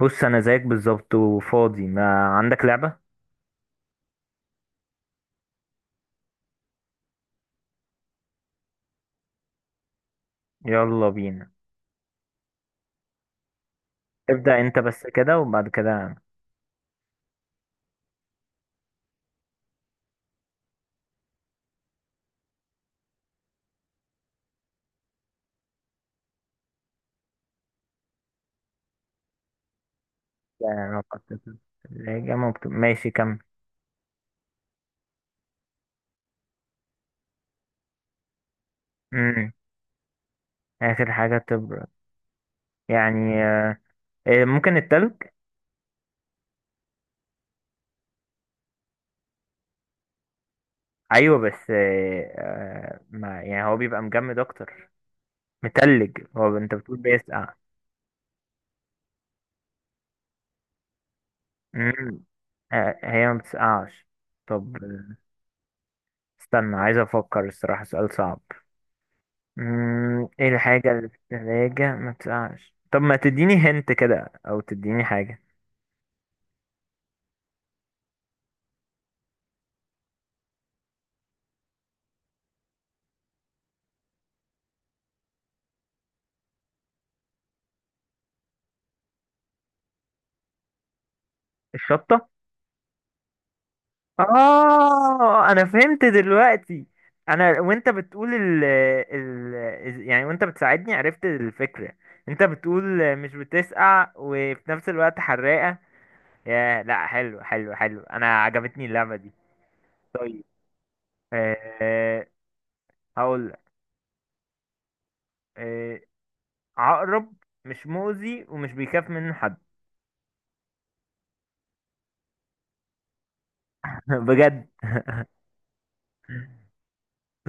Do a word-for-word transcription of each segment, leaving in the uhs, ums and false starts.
بص، انا زيك بالظبط وفاضي. ما عندك لعبة؟ يلا بينا. ابدأ انت بس كده وبعد كده أنا. يعني أنا حطيت الثلاجة ممكن. ماشي، كمل. امم اخر حاجة تبرد، يعني آه، آه، ممكن التلج. ايوه بس، آه، آه، ما يعني هو بيبقى مجمد اكتر متلج. هو انت بتقول بيسقع؟ امم آه، هي ما بتسقعش. طب آه، استنى، عايز افكر الصراحة. سؤال صعب. مم، ايه الحاجة اللي في التلاجة ما بتقعش؟ طب ما تديني هنت كده او تديني حاجة. الشطة. اه انا فهمت دلوقتي. انا وانت بتقول ال ال يعني، وانت بتساعدني عرفت الفكرة. انت بتقول مش بتسقع وفي نفس الوقت حراقة. يا لا، حلو حلو حلو، انا عجبتني اللعبة دي. طيب، أه هقول لك. أه عقرب مش مؤذي ومش بيخاف منه حد. بجد؟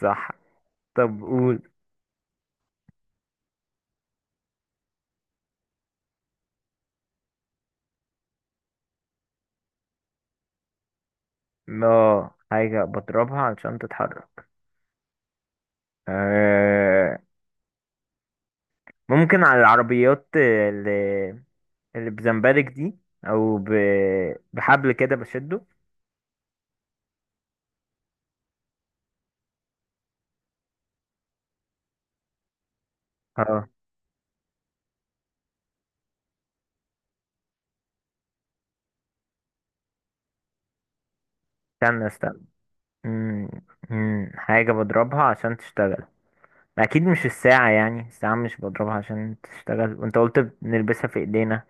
صح. طب قول. لا، حاجة بضربها علشان تتحرك. آه ممكن على العربيات اللي, اللي بزمبرك دي، أو ب... بحبل كده بشده. اه، استنى استنى. مم. مم. حاجة بضربها عشان تشتغل. أكيد مش الساعة. يعني الساعة مش بضربها عشان تشتغل، وأنت قلت بنلبسها في إيدينا.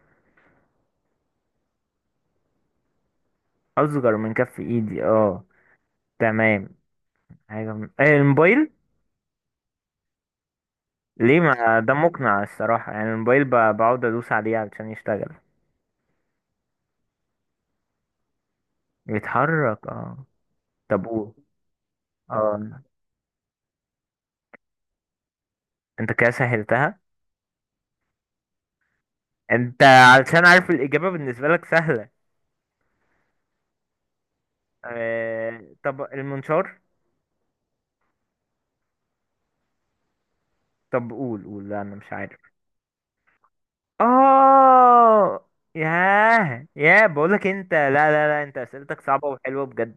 أصغر من كف إيدي. اه تمام. حاجة، آه الموبايل. ليه؟ ما ده مقنع الصراحة، يعني الموبايل ب- بقعد ادوس عليه علشان يشتغل. يتحرك. اه طب قول. اه انت كده سهلتها. انت علشان عارف الإجابة بالنسبة لك سهلة. آه... طب المنشار. طب قول قول، لا انا مش عارف. اه ياه ياه بقولك انت، لا لا لا، انت اسئلتك صعبة وحلوة بجد.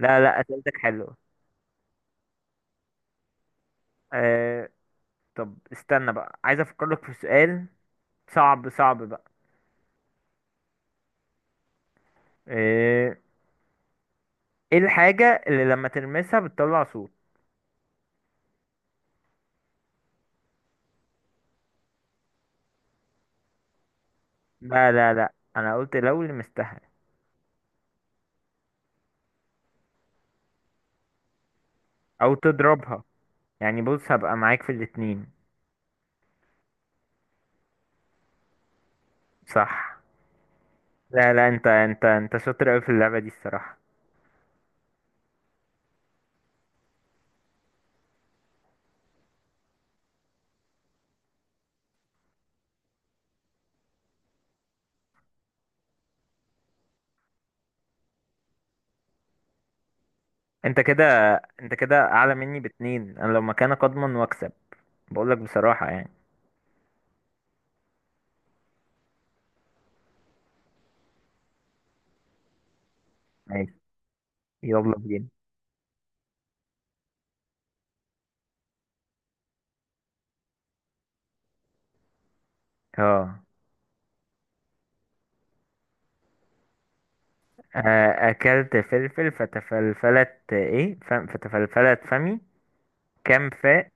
لا لا اسئلتك حلوة. آه... طب استنى بقى، عايز افكر لك في سؤال صعب صعب بقى. آه... ايه الحاجة اللي لما تلمسها بتطلع صوت؟ لا لا لا، انا قلت لو لمستها او تضربها، يعني بص هبقى معاك في الاتنين. صح. لا لا، انت انت انت شاطر اوي في اللعبة دي الصراحة. انت كده انت كده اعلى مني باتنين، انا لو مكانك اضمن واكسب. بقولك بصراحة يعني. ماشي. يلا بينا. اه آه، اكلت فلفل فتفلفلت ايه ف- فتفلفلت فمي. كام فاء؟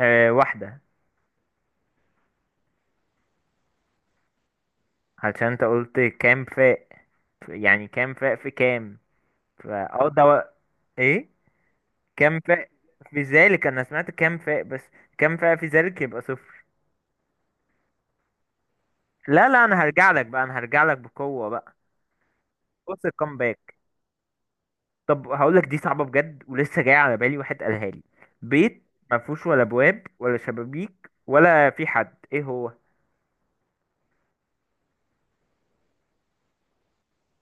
آه واحدة. عشان انت قلت كام فاء، يعني كام فاء في كام فا اه ده و... ايه؟ كام فاء في ذلك، انا سمعت كام فاء بس. كام فاء في ذلك يبقى صفر. لا لا، انا هرجع لك بقى، انا هرجع لك بقوة بقى. بص الكامباك. طب هقول لك. دي صعبة بجد ولسه جاية على بالي، واحد قالها لي. بيت ما فيهوش ولا ابواب ولا شبابيك ولا في حد، ايه هو؟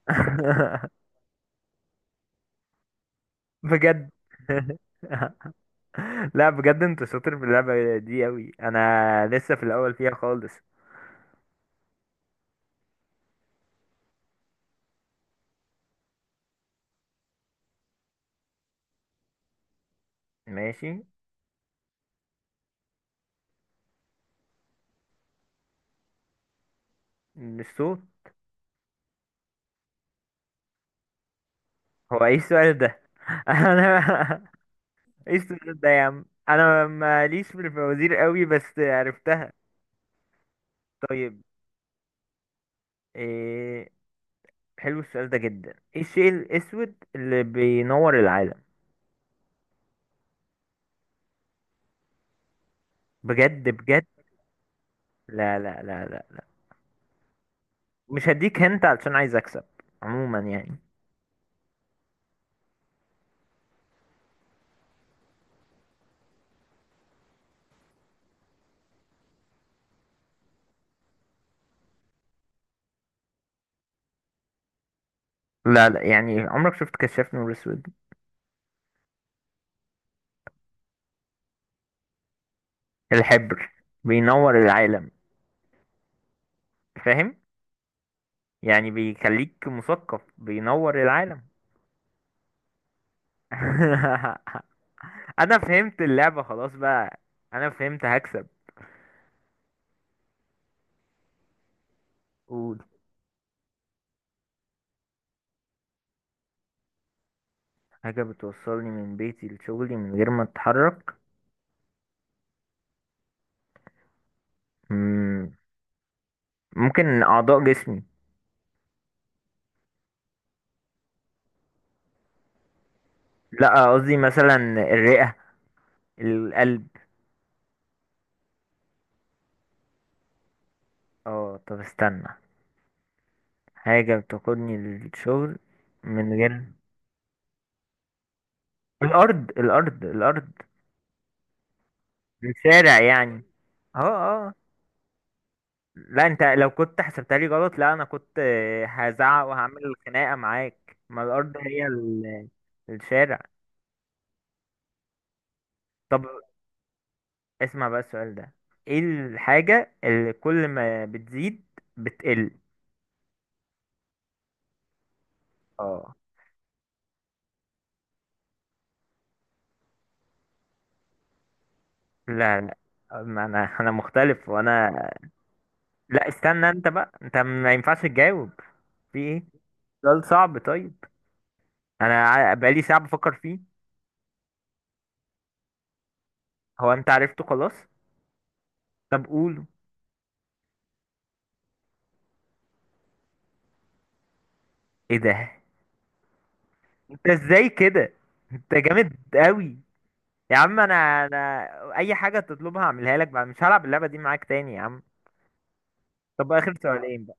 بجد؟ لا بجد، انت شاطر في اللعبة دي قوي، انا لسه في الاول فيها خالص. ماشي. الصوت. هو ايه السؤال ده؟ انا، ايه السؤال ده يا عم؟ انا ماليش في الفوازير قوي بس عرفتها. طيب، إيه، حلو السؤال ده جدا. ايه الشيء الاسود اللي بينور العالم؟ بجد بجد؟ لا لا لا لا لا، مش هديك هنت علشان عايز اكسب عموما يعني. لا لا، يعني عمرك شفت كشاف نور اسود؟ الحبر، بينور العالم. فاهم؟ يعني بيخليك مثقف، بينور العالم. انا فهمت اللعبة خلاص بقى. انا فهمت هكسب. قول. حاجة بتوصلني من بيتي لشغلي من غير ما اتحرك. مم، ممكن اعضاء جسمي. لا قصدي مثلا، الرئة، القلب. اه طب استنى، حاجة بتاخدني للشغل من غير الارض الارض الارض. الشارع يعني. اه اه. لا انت لو كنت حسبتها لي غلط، لا انا كنت آه، هزعق وهعمل خناقة معاك، ما الارض هي ال- الشارع. طب اسمع بقى السؤال ده. ايه الحاجة اللي كل ما بتزيد بتقل؟ اه لا لا، ما انا انا مختلف، وانا. لا، استنى انت بقى، انت ما ينفعش تجاوب. في ايه؟ سؤال صعب طيب، انا ع- بقالي ساعة بفكر فيه. هو انت عرفته خلاص؟ طب قوله. ايه ده؟ انت ازاي كده؟ انت جامد قوي يا عم. انا انا اي حاجة تطلبها اعملها لك بقى، مش هلعب اللعبة دي معاك تاني يا عم. طب اخر سؤالين بقى.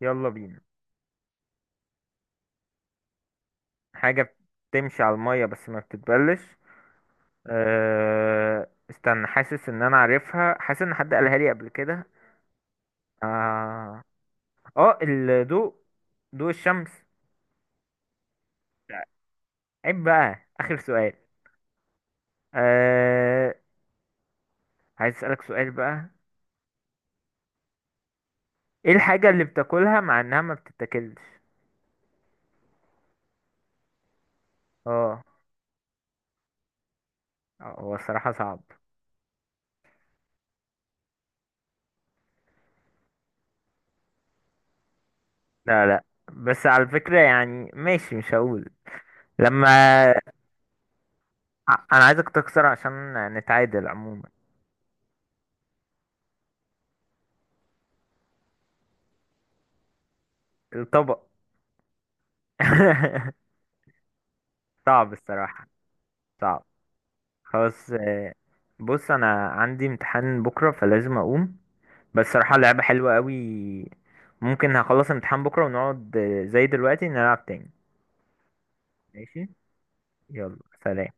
يلا بينا. حاجة بتمشي على المية بس ما بتتبلش. أه... استنى، حاسس ان انا عارفها، حاسس ان حد قالها لي قبل كده. اه اه، الضوء، ضوء الشمس. عيب بقى، اخر سؤال. أه... عايز اسألك سؤال بقى. ايه الحاجة اللي بتاكلها مع انها ما بتتاكلش؟ اه آه، هو الصراحة صعب. لا لا، بس على فكرة يعني، ماشي مش هقول. لما ع- انا عايزك تخسر عشان نتعادل عموما. الطبق. صعب الصراحة صعب. خلاص، آه، بص انا عندي امتحان بكرة فلازم اقوم. بس صراحة اللعبة حلوة قوي. ممكن هخلص امتحان بكرة ونقعد آه، زي دلوقتي نلعب تاني. ماشي. يلا سلام.